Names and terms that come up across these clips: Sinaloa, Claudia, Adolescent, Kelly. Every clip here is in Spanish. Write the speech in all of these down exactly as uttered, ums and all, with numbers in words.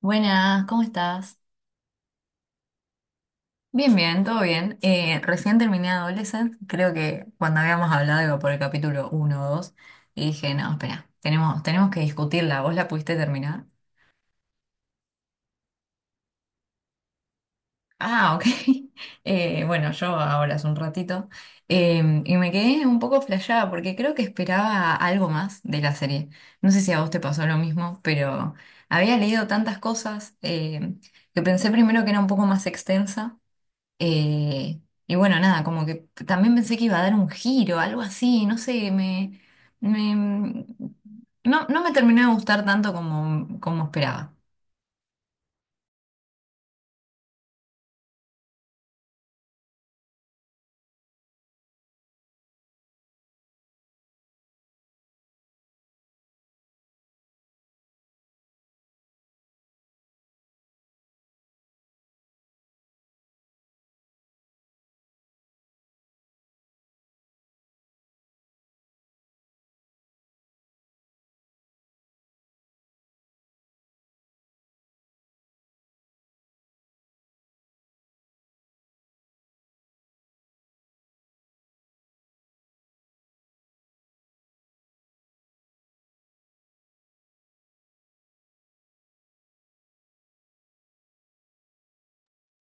Buenas, ¿cómo estás? Bien, bien, todo bien. Eh, recién terminé Adolescent. Creo que cuando habíamos hablado iba por el capítulo uno, o dos, y dije, no, espera, tenemos, tenemos que discutirla. ¿Vos la pudiste terminar? Ah, ok. Eh, bueno, yo ahora hace un ratito, Eh, y me quedé un poco flasheada porque creo que esperaba algo más de la serie. No sé si a vos te pasó lo mismo, pero había leído tantas cosas, eh, que pensé primero que era un poco más extensa. Eh, y bueno, nada, como que también pensé que iba a dar un giro, algo así, no sé, me, me- no, no me terminó de gustar tanto como, como esperaba.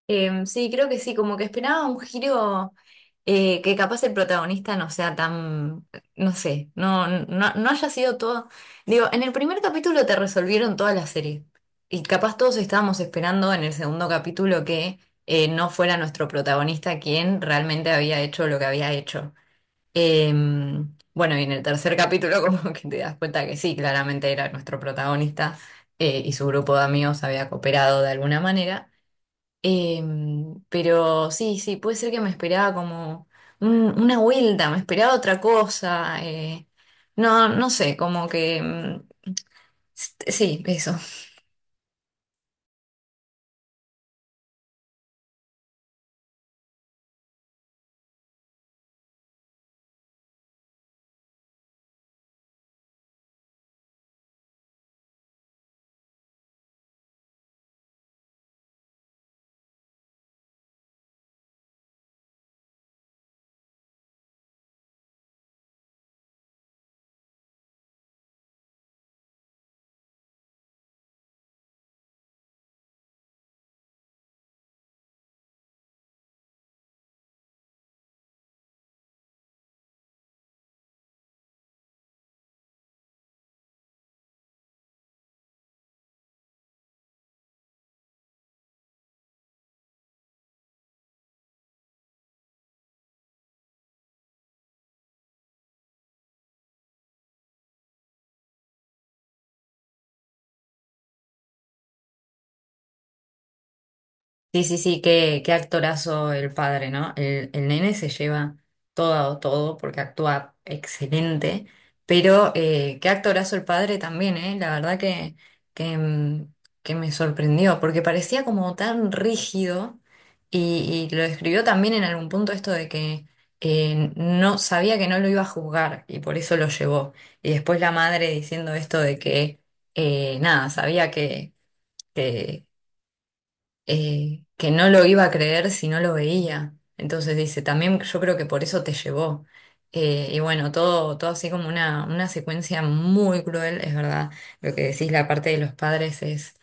Em, sí, creo que sí, como que esperaba un giro, eh, que capaz el protagonista no sea tan, no sé, no, no, no haya sido todo. Digo, en el primer capítulo te resolvieron toda la serie y capaz todos estábamos esperando en el segundo capítulo que eh, no fuera nuestro protagonista quien realmente había hecho lo que había hecho. Eh, bueno, y en el tercer capítulo como que te das cuenta que sí, claramente era nuestro protagonista, eh, y su grupo de amigos había cooperado de alguna manera. Eh, pero sí, sí, puede ser que me esperaba como un- una vuelta, me esperaba otra cosa. Eh, no, no sé, como que mm, sí, eso. Sí, sí, sí, qué, qué actorazo el padre, ¿no? El, el nene se lleva todo, todo, porque actúa excelente, pero eh, qué actorazo el padre también, ¿eh? La verdad que, que, mm, que me sorprendió, porque parecía como tan rígido y, y lo escribió también en algún punto esto de que eh, no sabía que no lo iba a juzgar y por eso lo llevó. Y después la madre diciendo esto de que, eh, nada, sabía que... que eh, que no lo iba a creer si no lo veía. Entonces dice, también yo creo que por eso te llevó. Eh, y bueno, todo, todo así como una, una secuencia muy cruel, es verdad. Lo que decís, la parte de los padres es,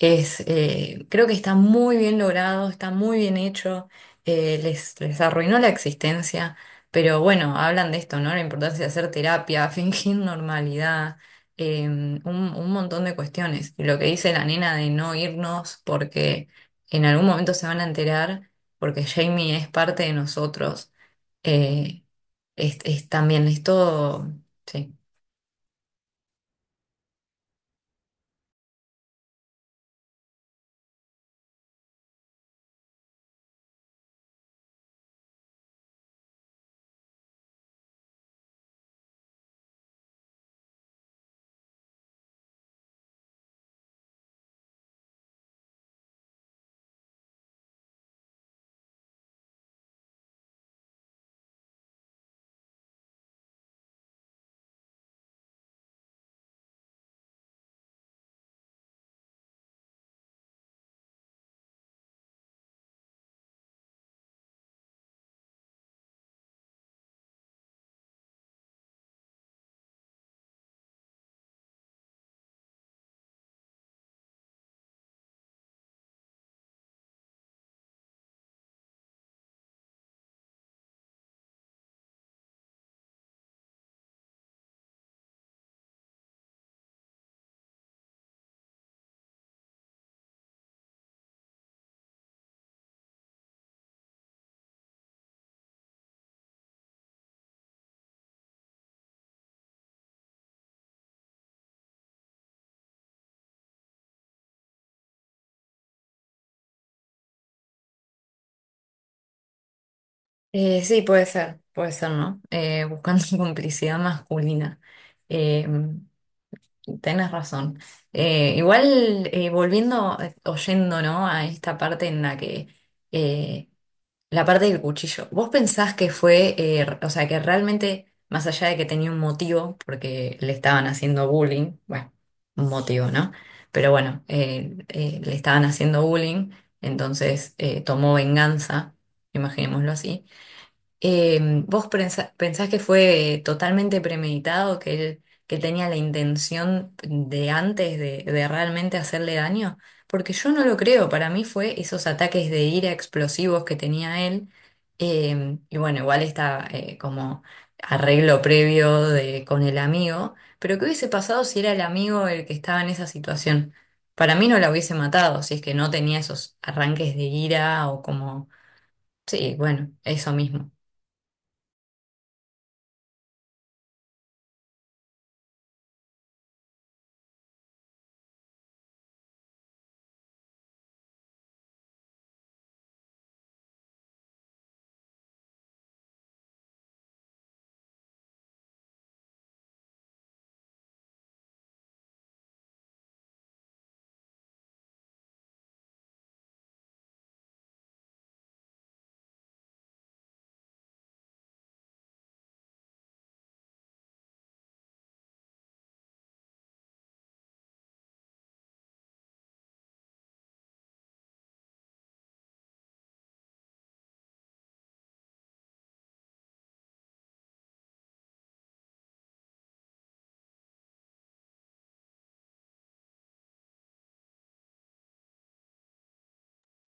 eh, creo que está muy bien logrado, está muy bien hecho, eh, les, les arruinó la existencia, pero bueno, hablan de esto, ¿no? La importancia de hacer terapia, fingir normalidad, eh, un, un montón de cuestiones. Y lo que dice la nena de no irnos porque en algún momento se van a enterar, porque Jamie es parte de nosotros, eh, es, es también, es todo, sí. Eh, sí, puede ser, puede ser, ¿no? Eh, buscando complicidad masculina. Eh, Tenés razón. Eh, igual, eh, volviendo, eh, oyendo, ¿no? A esta parte en la que, eh, la parte del cuchillo, ¿vos pensás que fue, eh, r- o sea, que realmente, más allá de que tenía un motivo, porque le estaban haciendo bullying, bueno, un motivo, ¿no? Pero bueno, eh, eh, le estaban haciendo bullying, entonces eh, tomó venganza, imaginémoslo así, eh, ¿vos prensa- pensás que fue totalmente premeditado, que él, que él tenía la intención de antes de, de realmente hacerle daño? Porque yo no lo creo, para mí fue esos ataques de ira explosivos que tenía él. Eh, y bueno, igual está, eh, como arreglo previo de, con el amigo, pero ¿qué hubiese pasado si era el amigo el que estaba en esa situación? Para mí no la hubiese matado, si es que no tenía esos arranques de ira o como... Sí, bueno, eso mismo.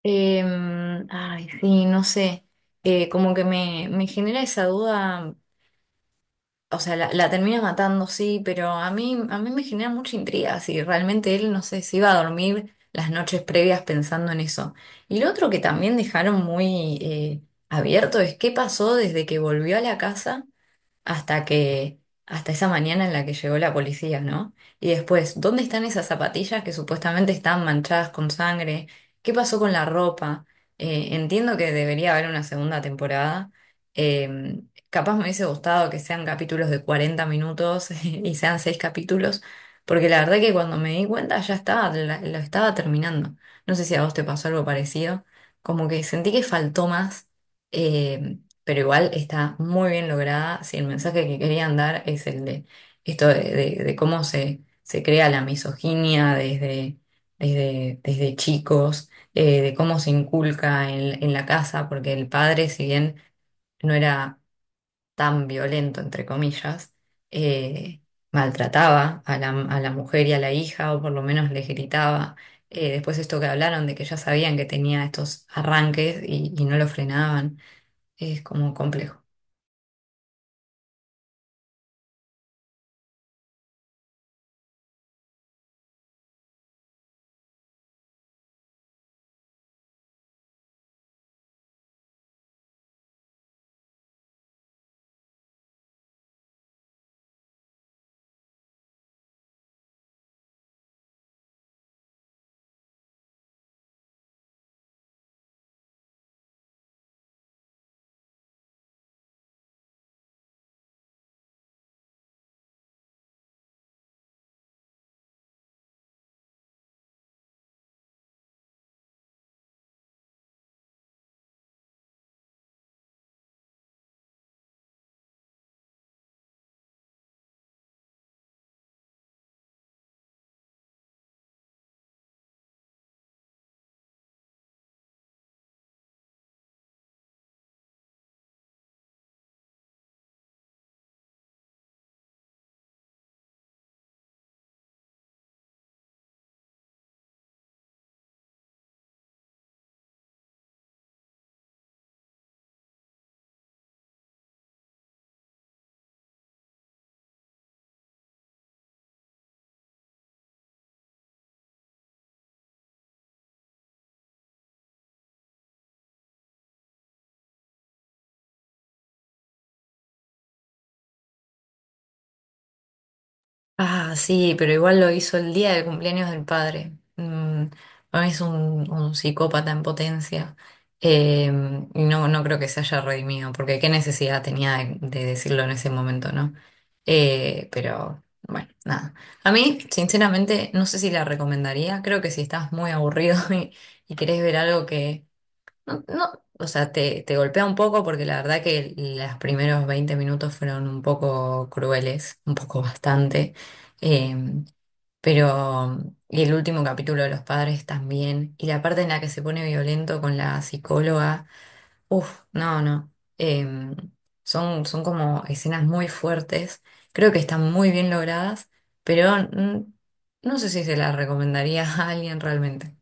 Em, ay, sí, no sé. Eh, como que me, me genera esa duda, o sea, la, la termina matando, sí, pero a mí, a mí me genera mucha intriga si realmente él, no sé, si iba a dormir las noches previas pensando en eso. Y lo otro que también dejaron muy, eh, abierto es qué pasó desde que volvió a la casa hasta que, hasta esa mañana en la que llegó la policía, ¿no? Y después, ¿dónde están esas zapatillas que supuestamente estaban manchadas con sangre? ¿Qué pasó con la ropa? Eh, entiendo que debería haber una segunda temporada. Eh, Capaz me hubiese gustado que sean capítulos de cuarenta minutos y sean seis capítulos, porque la verdad que cuando me di cuenta ya estaba, la- lo estaba terminando. No sé si a vos te pasó algo parecido, como que sentí que faltó más. em, pero igual está muy bien lograda. Si el mensaje que querían dar es el de esto de, de- de cómo se, se crea la misoginia desde, desde, desde chicos, eh, de cómo se inculca en, en la casa, porque el padre, si bien no era tan violento, entre comillas, eh, maltrataba a la, a la mujer y a la hija, o por lo menos les gritaba. Eh, después esto que hablaron de que ya sabían que tenía estos arranques y y no lo frenaban, es como complejo. Ah, sí, pero igual lo hizo el día del cumpleaños del padre. Mm, para es un, un psicópata en potencia. Eh, y no, no creo que se haya redimido, porque qué necesidad tenía de, de decirlo en ese momento, ¿no? Eh, pero bueno, nada. A mí, sinceramente, no sé si la recomendaría. Creo que si estás muy aburrido y, y querés ver algo que no, no, o sea, te, te golpea un poco porque la verdad que los primeros veinte minutos fueron un poco crueles, un poco bastante, eh, pero y el último capítulo de Los Padres también, y la parte en la que se pone violento con la psicóloga, uff, no, no, eh, son, son como escenas muy fuertes, creo que están muy bien logradas, pero mm, no sé si se las recomendaría a alguien realmente.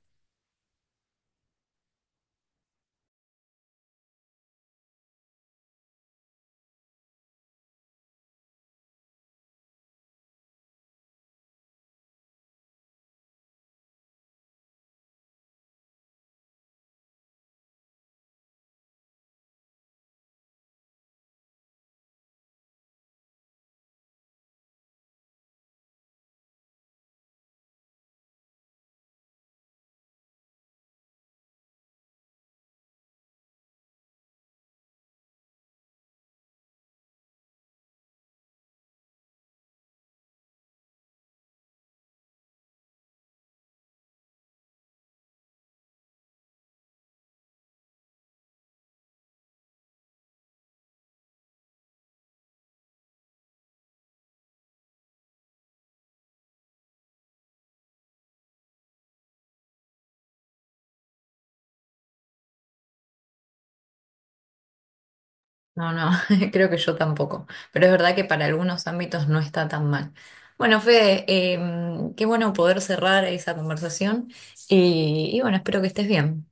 No, no, creo que yo tampoco. Pero es verdad que para algunos ámbitos no está tan mal. Bueno, Fede, em, qué bueno poder cerrar esa conversación. Y y bueno, espero que estés bien.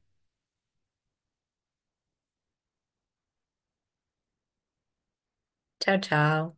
Chao, chao.